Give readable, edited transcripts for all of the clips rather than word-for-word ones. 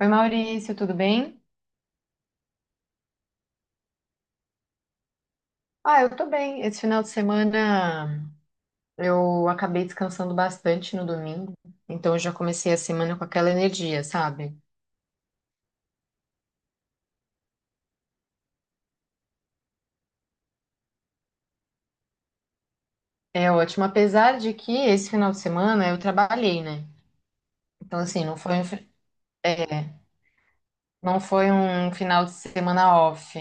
Oi, Maurício, tudo bem? Ah, eu tô bem. Esse final de semana eu acabei descansando bastante no domingo, então eu já comecei a semana com aquela energia, sabe? É ótimo, apesar de que esse final de semana eu trabalhei, né? Então, assim, não foi um, fi- é, não foi um final de semana off.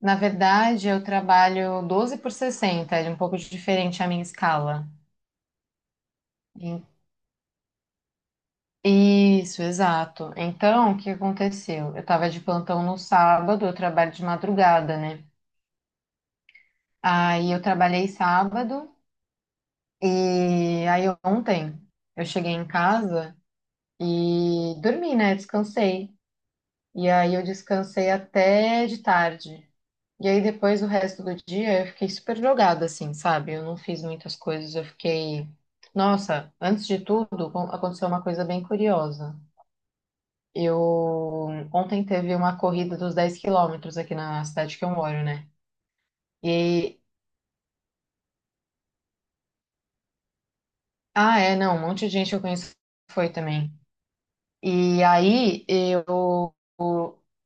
Na verdade, eu trabalho 12 por 60, é um pouco diferente a minha escala. Isso, exato. Então, o que aconteceu? Eu estava de plantão no sábado, eu trabalho de madrugada, né? Aí eu trabalhei sábado e aí ontem eu cheguei em casa e dormi, né? Descansei. E aí eu descansei até de tarde. E aí depois o resto do dia eu fiquei super jogada, assim, sabe? Eu não fiz muitas coisas, eu fiquei. Nossa, antes de tudo, aconteceu uma coisa bem curiosa. Eu ontem teve uma corrida dos 10 km aqui na cidade que eu moro, né? E ah, é, não, um monte de gente que eu conheço foi também. E aí eu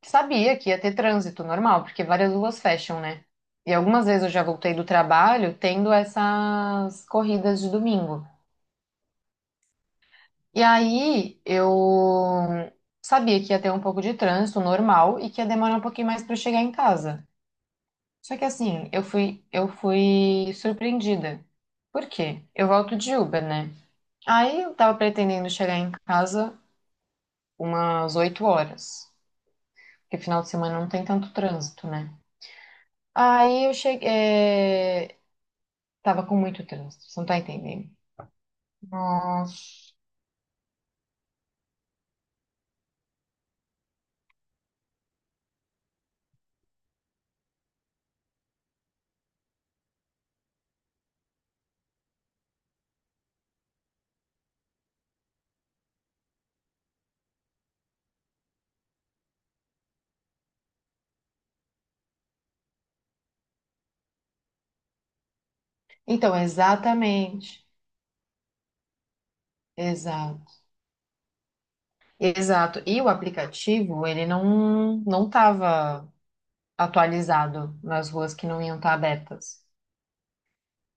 sabia que ia ter trânsito normal, porque várias ruas fecham, né? E algumas vezes eu já voltei do trabalho tendo essas corridas de domingo. E aí eu sabia que ia ter um pouco de trânsito normal e que ia demorar um pouquinho mais para chegar em casa. Só que assim, eu fui surpreendida. Por quê? Eu volto de Uber, né? Aí eu tava pretendendo chegar em casa umas 8 horas, porque final de semana não tem tanto trânsito, né? Aí eu cheguei. Tava com muito trânsito, você não tá entendendo? Nossa. Então, exatamente. Exato. Exato. E o aplicativo, ele não, não tava atualizado nas ruas que não iam estar abertas.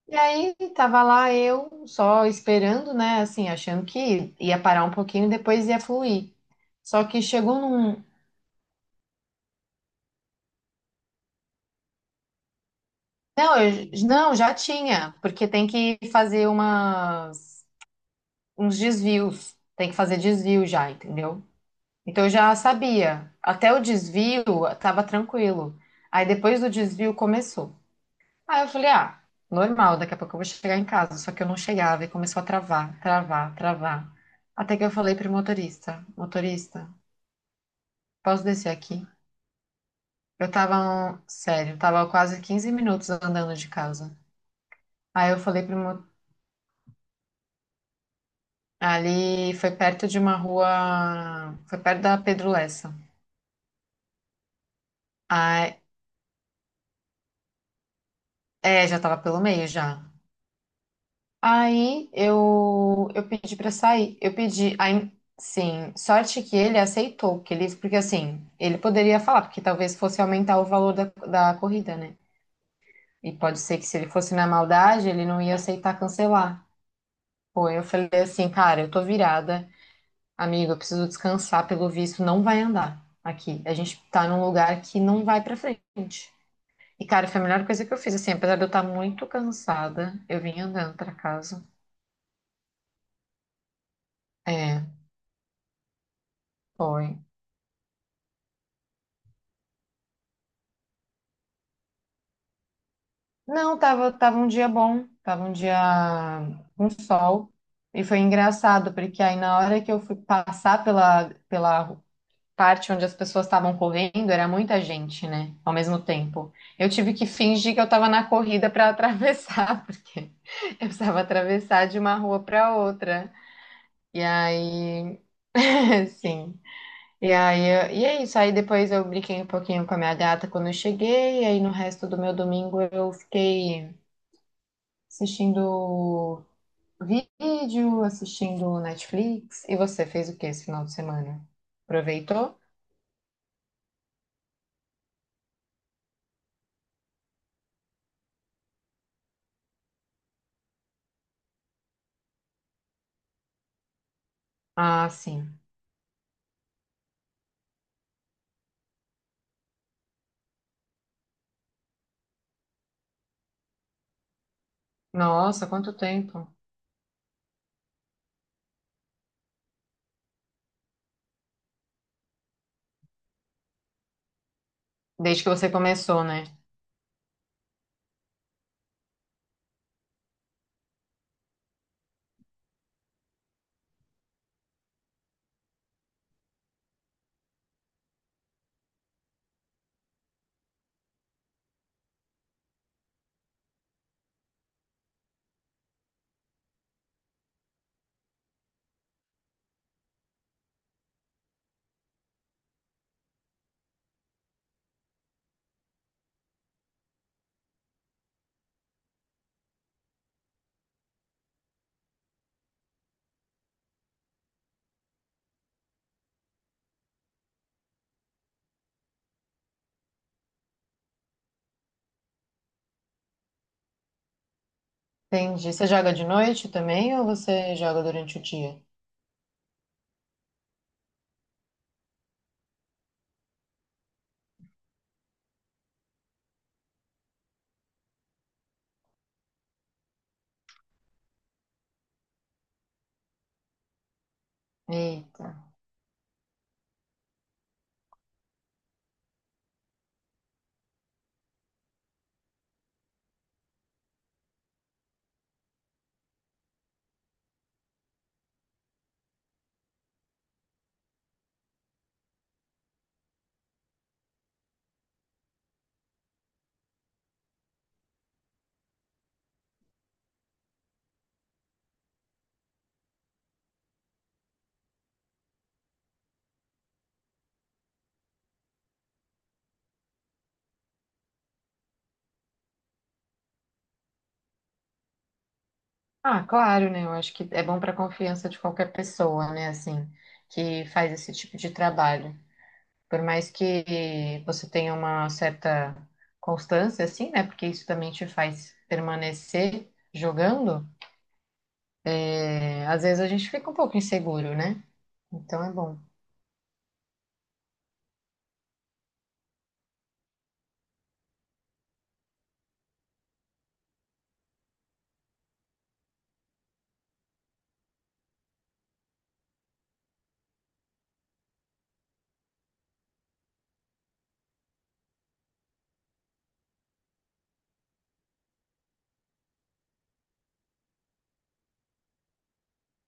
E aí, tava lá eu só esperando, né? Assim, achando que ia parar um pouquinho, e depois ia fluir. Só que chegou num. Não, eu- não, já tinha, porque tem que fazer umas, uns desvios. Tem que fazer desvio já, entendeu? Então eu já sabia. Até o desvio tava tranquilo. Aí depois do desvio começou. Aí eu falei, ah, normal, daqui a pouco eu vou chegar em casa. Só que eu não chegava e começou a travar, travar, travar. Até que eu falei pro motorista, motorista, posso descer aqui? Eu tava, sério, tava quase 15 minutos andando de casa. Aí eu falei ali foi perto de uma rua, foi perto da Pedro Lessa. Aí, é, já tava pelo meio já. Aí eu pedi pra sair. Eu pedi, aí, sim, sorte que ele aceitou, que ele, porque assim, ele poderia falar, porque talvez fosse aumentar o valor da corrida, né? E pode ser que se ele fosse na maldade, ele não ia aceitar cancelar. Pô, eu falei assim, cara, eu tô virada, amigo, eu preciso descansar, pelo visto, não vai andar aqui. A gente tá num lugar que não vai pra frente. E, cara, foi a melhor coisa que eu fiz, assim, apesar de eu estar muito cansada, eu vim andando pra casa. É. Foi. Não, tava, tava um dia bom, tava um dia com sol. E foi engraçado, porque aí na hora que eu fui passar pela parte onde as pessoas estavam correndo, era muita gente, né? Ao mesmo tempo. Eu tive que fingir que eu tava na corrida para atravessar, porque eu precisava atravessar de uma rua para outra. E aí, sim. E aí, e é isso. Aí depois eu brinquei um pouquinho com a minha gata quando eu cheguei, e aí no resto do meu domingo eu fiquei. Assistindo vídeo, assistindo Netflix. E você fez o que esse final de semana? Aproveitou? Ah, sim. Nossa, quanto tempo. Desde que você começou, né? Entendi. Você joga de noite também ou você joga durante o dia? Eita. Ah, claro, né? Eu acho que é bom para a confiança de qualquer pessoa, né? Assim, que faz esse tipo de trabalho. Por mais que você tenha uma certa constância, assim, né? Porque isso também te faz permanecer jogando. É, às vezes a gente fica um pouco inseguro, né? Então é bom.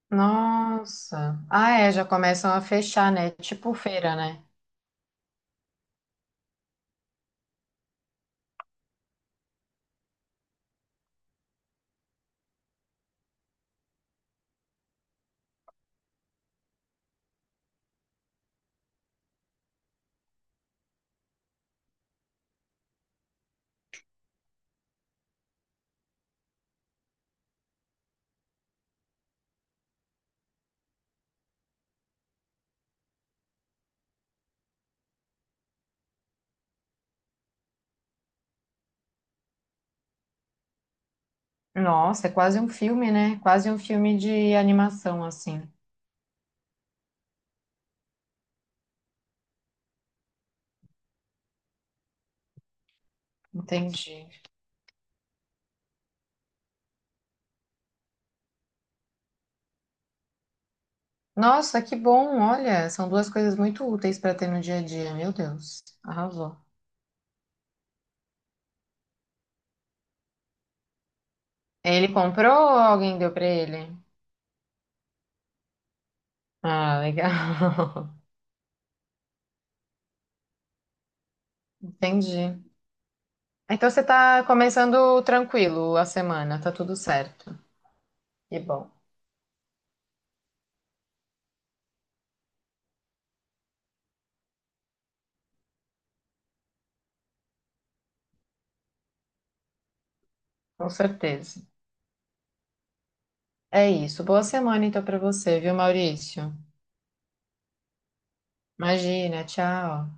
Nossa. Ah, é, já começam a fechar, né? Tipo feira, né? Nossa, é quase um filme, né? Quase um filme de animação, assim. Entendi. Nossa, que bom. Olha, são duas coisas muito úteis para ter no dia a dia. Meu Deus, arrasou. Ele comprou ou alguém deu para ele? Ah, legal. Entendi. Então você está começando tranquilo a semana, tá tudo certo. Que bom, com certeza. É isso. Boa semana então para você, viu, Maurício? Imagina, tchau.